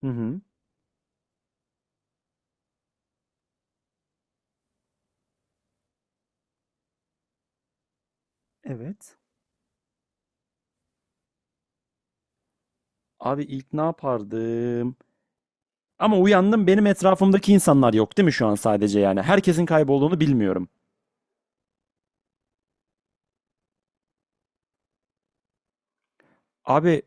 Hı hı. Evet. Abi ilk ne yapardım? Ama uyandım, benim etrafımdaki insanlar yok değil mi şu an sadece yani? Herkesin kaybolduğunu bilmiyorum. Abi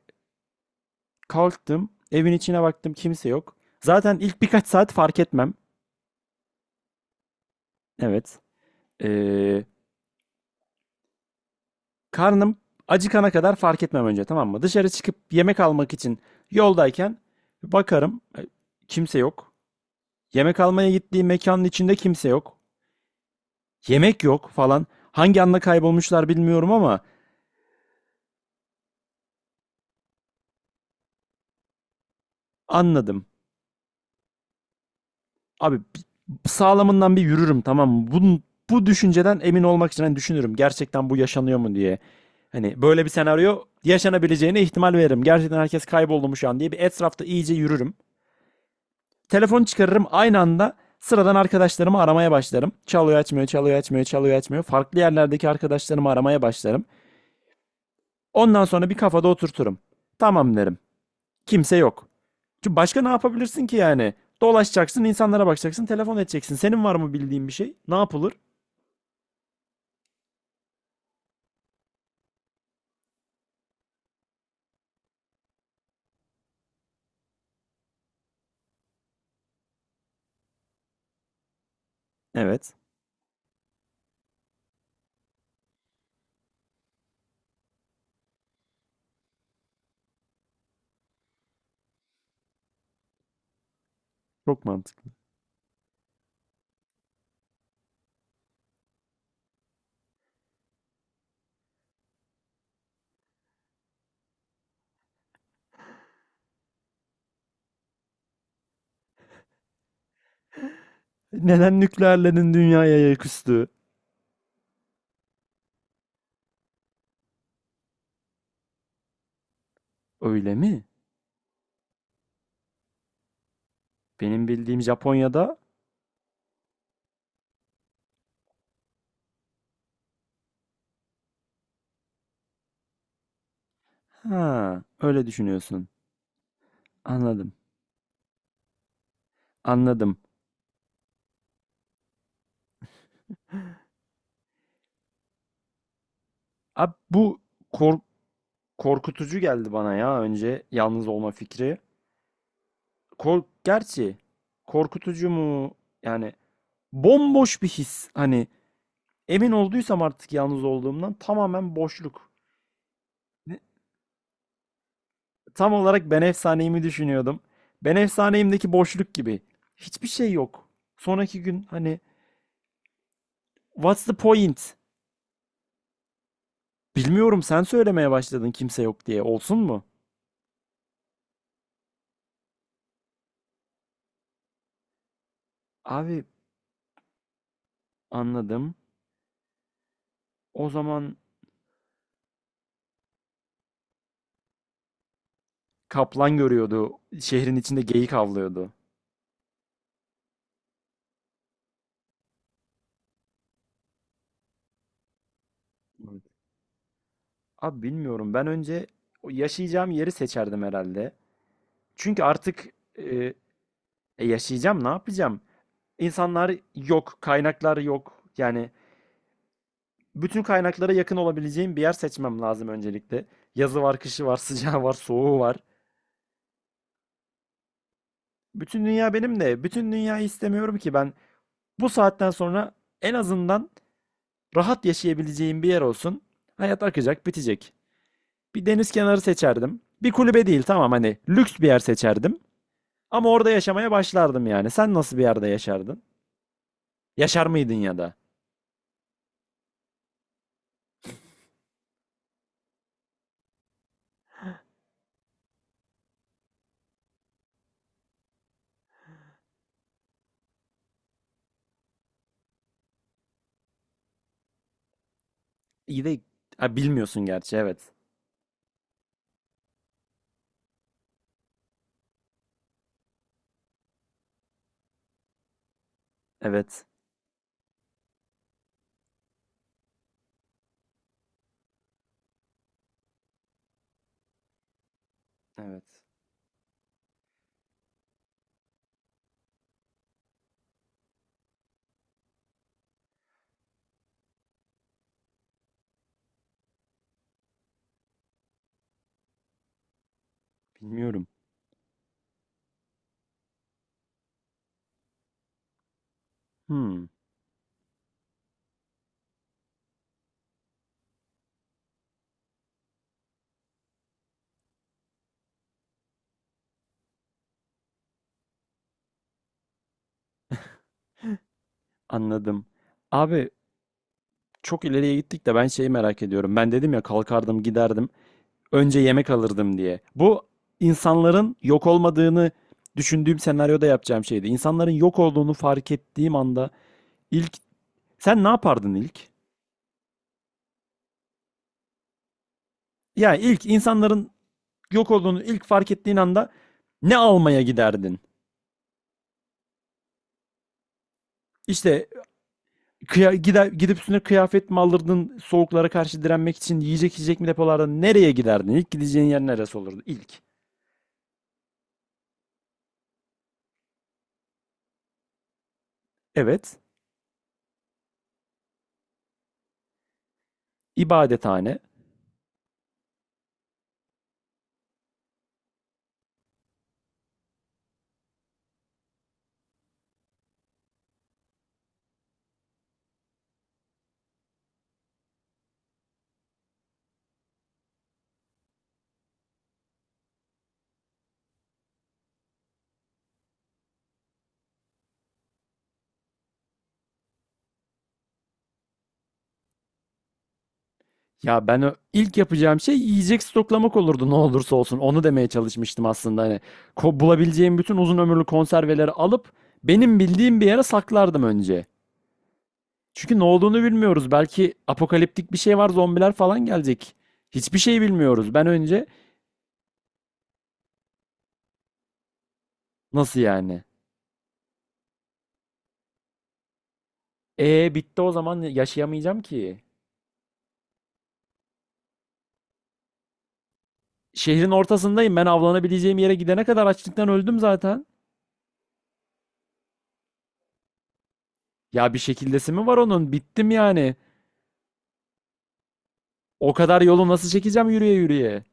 kalktım, evin içine baktım, kimse yok. Zaten ilk birkaç saat fark etmem. Evet. Ee, karnım acıkana kadar fark etmem önce, tamam mı? Dışarı çıkıp yemek almak için yoldayken bakarım, kimse yok. Yemek almaya gittiğim mekanın içinde kimse yok. Yemek yok falan. Hangi anda kaybolmuşlar bilmiyorum ama. Anladım. Abi sağlamından bir yürürüm, tamam mı? Bu düşünceden emin olmak için hani düşünürüm. Gerçekten bu yaşanıyor mu diye. Hani böyle bir senaryo yaşanabileceğine ihtimal veririm. Gerçekten herkes kayboldu mu şu an diye bir etrafta iyice yürürüm. Telefonu çıkarırım, aynı anda sıradan arkadaşlarımı aramaya başlarım. Çalıyor açmıyor, çalıyor açmıyor, çalıyor açmıyor. Farklı yerlerdeki arkadaşlarımı aramaya başlarım. Ondan sonra bir kafada oturturum. Tamam derim. Kimse yok. Çünkü başka ne yapabilirsin ki yani? Dolaşacaksın, insanlara bakacaksın, telefon edeceksin. Senin var mı bildiğin bir şey? Ne yapılır? Evet, çok mantıklı. Neden nükleerlerin dünyaya ayak üstü? Öyle mi? Benim bildiğim Japonya'da. Ha, öyle düşünüyorsun. Anladım. Anladım. Abi bu kork- korkutucu geldi bana ya, önce yalnız olma fikri. Gerçi korkutucu mu? Yani bomboş bir his. Hani emin olduysam artık yalnız olduğumdan, tamamen boşluk. Tam olarak ben efsaneyimi düşünüyordum. Ben efsaneyimdeki boşluk gibi. Hiçbir şey yok. Sonraki gün hani what's the point? Bilmiyorum, sen söylemeye başladın kimse yok diye. Olsun mu? Abi anladım. O zaman kaplan görüyordu. Şehrin içinde geyik avlıyordu. Evet. Abi bilmiyorum. Ben önce o yaşayacağım yeri seçerdim herhalde. Çünkü artık e, yaşayacağım, ne yapacağım? İnsanlar yok, kaynaklar yok. Yani bütün kaynaklara yakın olabileceğim bir yer seçmem lazım öncelikle. Yazı var, kışı var, sıcağı var, soğuğu var. Bütün dünya benim de. Bütün dünyayı istemiyorum ki ben. Bu saatten sonra en azından rahat yaşayabileceğim bir yer olsun. Hayat akacak, bitecek. Bir deniz kenarı seçerdim. Bir kulübe değil, tamam, hani lüks bir yer seçerdim. Ama orada yaşamaya başlardım yani. Sen nasıl bir yerde yaşardın? Yaşar mıydın ya da? İyi de ha, bilmiyorsun gerçi, evet. Evet. Evet. Bilmiyorum. Hmm, anladım. Abi çok ileriye gittik de ben şeyi merak ediyorum. Ben dedim ya, kalkardım giderdim. Önce yemek alırdım diye. Bu, insanların yok olmadığını düşündüğüm senaryoda yapacağım şeydi. İnsanların yok olduğunu fark ettiğim anda ilk sen ne yapardın ilk? Ya ilk insanların yok olduğunu ilk fark ettiğin anda ne almaya giderdin? İşte gider, gidip üstüne kıyafet mi alırdın soğuklara karşı direnmek için, yiyecek mi depolarda, nereye giderdin? İlk gideceğin yer neresi olurdu? İlk. Evet. İbadethane. Ya ben ilk yapacağım şey yiyecek stoklamak olurdu, ne olursa olsun. Onu demeye çalışmıştım aslında hani. Bulabileceğim bütün uzun ömürlü konserveleri alıp benim bildiğim bir yere saklardım önce. Çünkü ne olduğunu bilmiyoruz. Belki apokaliptik bir şey var, zombiler falan gelecek. Hiçbir şey bilmiyoruz. Ben önce. Nasıl yani? E bitti o zaman, yaşayamayacağım ki. Şehrin ortasındayım. Ben avlanabileceğim yere gidene kadar açlıktan öldüm zaten. Ya bir şekildesi mi var onun? Bittim yani. O kadar yolu nasıl çekeceğim yürüye yürüye?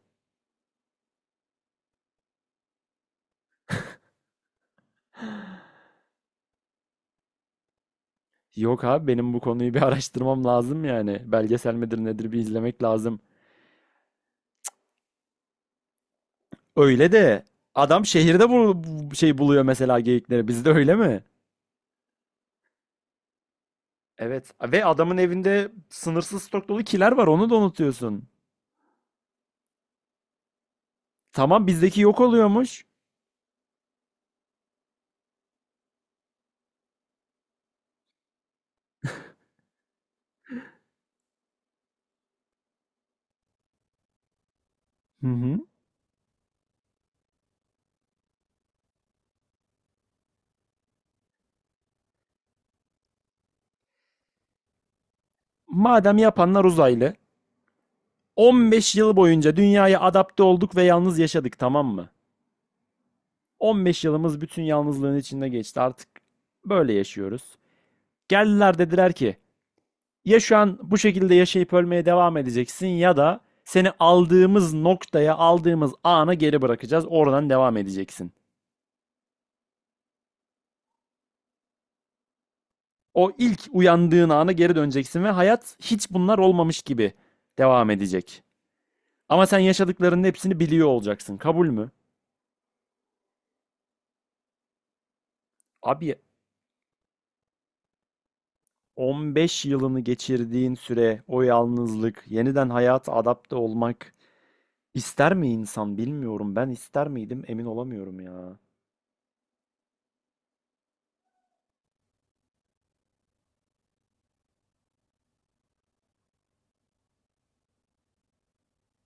Yok abi, benim bu konuyu bir araştırmam lazım yani. Belgesel midir nedir, bir izlemek lazım. Öyle de adam şehirde bu şey buluyor, mesela geyikleri. Bizde öyle mi? Evet. Ve adamın evinde sınırsız stok dolu kiler var. Onu da unutuyorsun. Tamam, bizdeki yok oluyormuş. Hı hı. Madem yapanlar uzaylı. 15 yıl boyunca dünyaya adapte olduk ve yalnız yaşadık, tamam mı? 15 yılımız bütün yalnızlığın içinde geçti. Artık böyle yaşıyoruz. Geldiler, dediler ki ya şu an bu şekilde yaşayıp ölmeye devam edeceksin, ya da seni aldığımız noktaya, aldığımız ana geri bırakacağız. Oradan devam edeceksin. O ilk uyandığın ana geri döneceksin ve hayat hiç bunlar olmamış gibi devam edecek. Ama sen yaşadıklarının hepsini biliyor olacaksın. Kabul mü? Abi 15 yılını geçirdiğin süre, o yalnızlık, yeniden hayata adapte olmak ister mi insan, bilmiyorum. Ben ister miydim emin olamıyorum ya.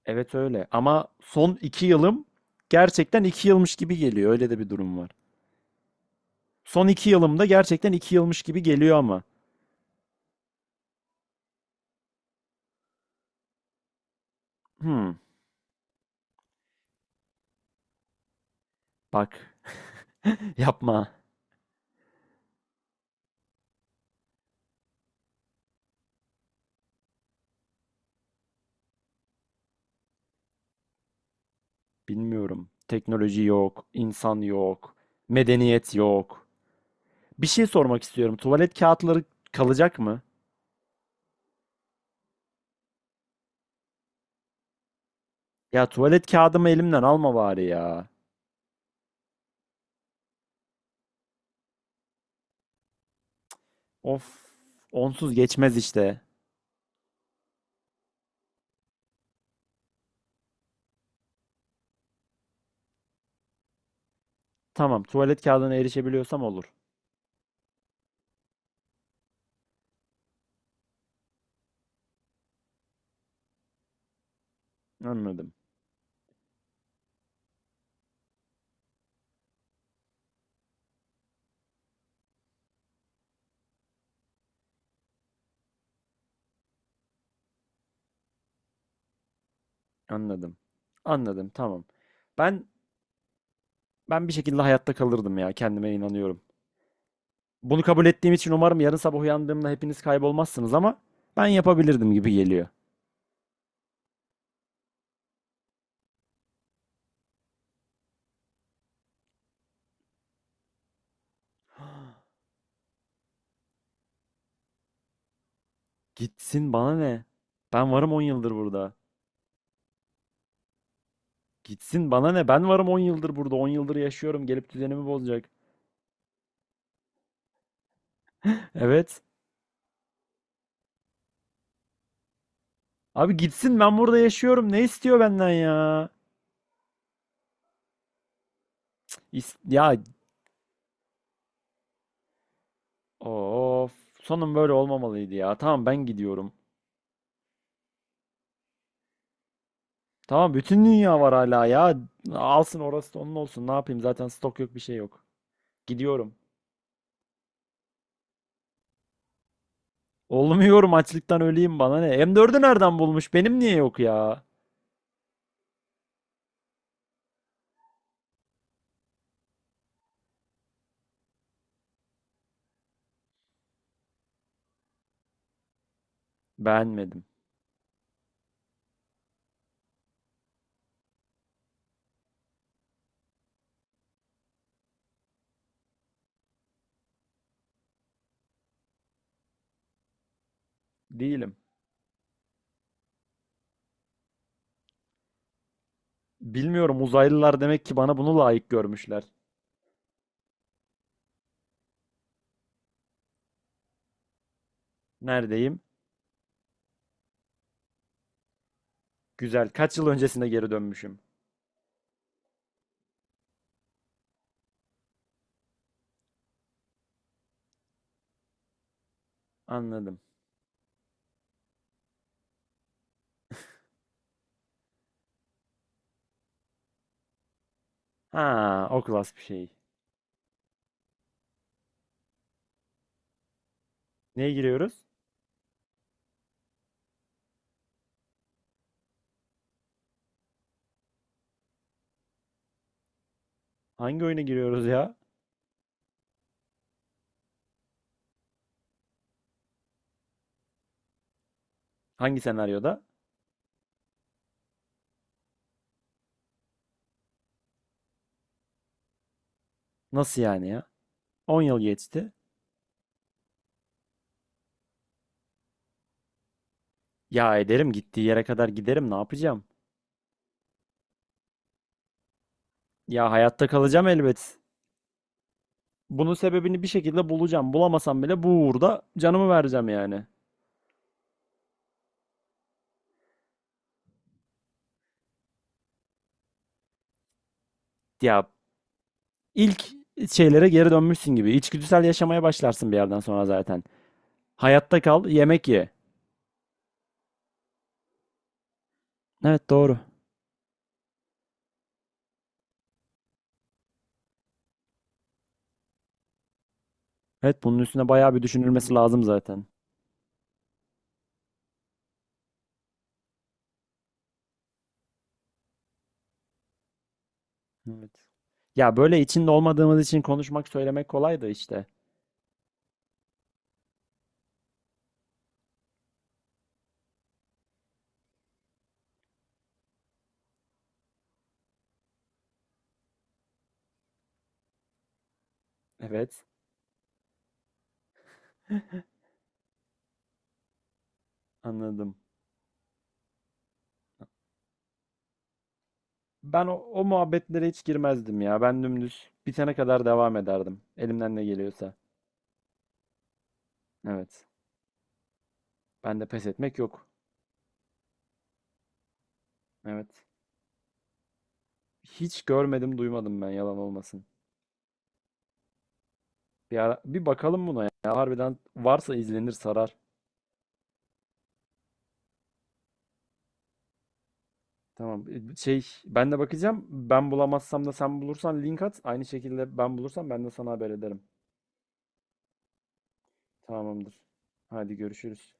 Evet, öyle. Ama son iki yılım gerçekten iki yılmış gibi geliyor. Öyle de bir durum var. Son iki yılımda gerçekten iki yılmış gibi geliyor ama. Hmm, bak. Yapma. Bilmiyorum. Teknoloji yok, insan yok, medeniyet yok. Bir şey sormak istiyorum. Tuvalet kağıtları kalacak mı? Ya tuvalet kağıdımı elimden alma bari ya. Of, onsuz geçmez işte. Tamam, tuvalet kağıdına erişebiliyorsam olur. Anladım. Anladım. Anladım. Tamam. Ben ben bir şekilde hayatta kalırdım ya. Kendime inanıyorum. Bunu kabul ettiğim için umarım yarın sabah uyandığımda hepiniz kaybolmazsınız, ama ben yapabilirdim gibi geliyor. Gitsin, bana ne? Ben varım 10 yıldır burada. Gitsin, bana ne? Ben varım 10 yıldır burada. On yıldır yaşıyorum. Gelip düzenimi bozacak. Evet. Abi gitsin, ben burada yaşıyorum. Ne istiyor benden ya? Ya. Of, sonun böyle olmamalıydı ya. Tamam, ben gidiyorum. Tamam, bütün dünya var hala ya. Alsın, orası da onun olsun. Ne yapayım, zaten stok yok, bir şey yok. Gidiyorum. Olmuyorum, açlıktan öleyim, bana ne. M4'ü nereden bulmuş? Benim niye yok ya? Beğenmedim. Değilim. Bilmiyorum, uzaylılar demek ki bana bunu layık görmüşler. Neredeyim? Güzel. Kaç yıl öncesine geri dönmüşüm? Anladım. Ha, o klas bir şey. Neye giriyoruz? Hangi oyuna giriyoruz ya? Hangi senaryoda? Nasıl yani ya? 10 yıl geçti. Ya ederim, gittiği yere kadar giderim, ne yapacağım? Ya hayatta kalacağım elbet. Bunun sebebini bir şekilde bulacağım. Bulamasam bile bu uğurda canımı vereceğim yani. Ya ilk şeylere geri dönmüşsün gibi. İçgüdüsel yaşamaya başlarsın bir yerden sonra zaten. Hayatta kal, yemek ye. Evet, doğru. Evet, bunun üstüne bayağı bir düşünülmesi lazım zaten. Evet. Ya böyle içinde olmadığımız için konuşmak, söylemek kolay da işte. Evet, anladım. Ben o, o muhabbetlere hiç girmezdim ya. Ben dümdüz bitene kadar devam ederdim. Elimden ne geliyorsa. Evet. Ben de, pes etmek yok. Evet. Hiç görmedim, duymadım, ben yalan olmasın. Bir ara, bir bakalım buna ya. Harbiden varsa izlenir, sarar. Tamam. Şey, ben de bakacağım. Ben bulamazsam da sen bulursan link at. Aynı şekilde ben bulursam ben de sana haber ederim. Tamamdır. Hadi görüşürüz.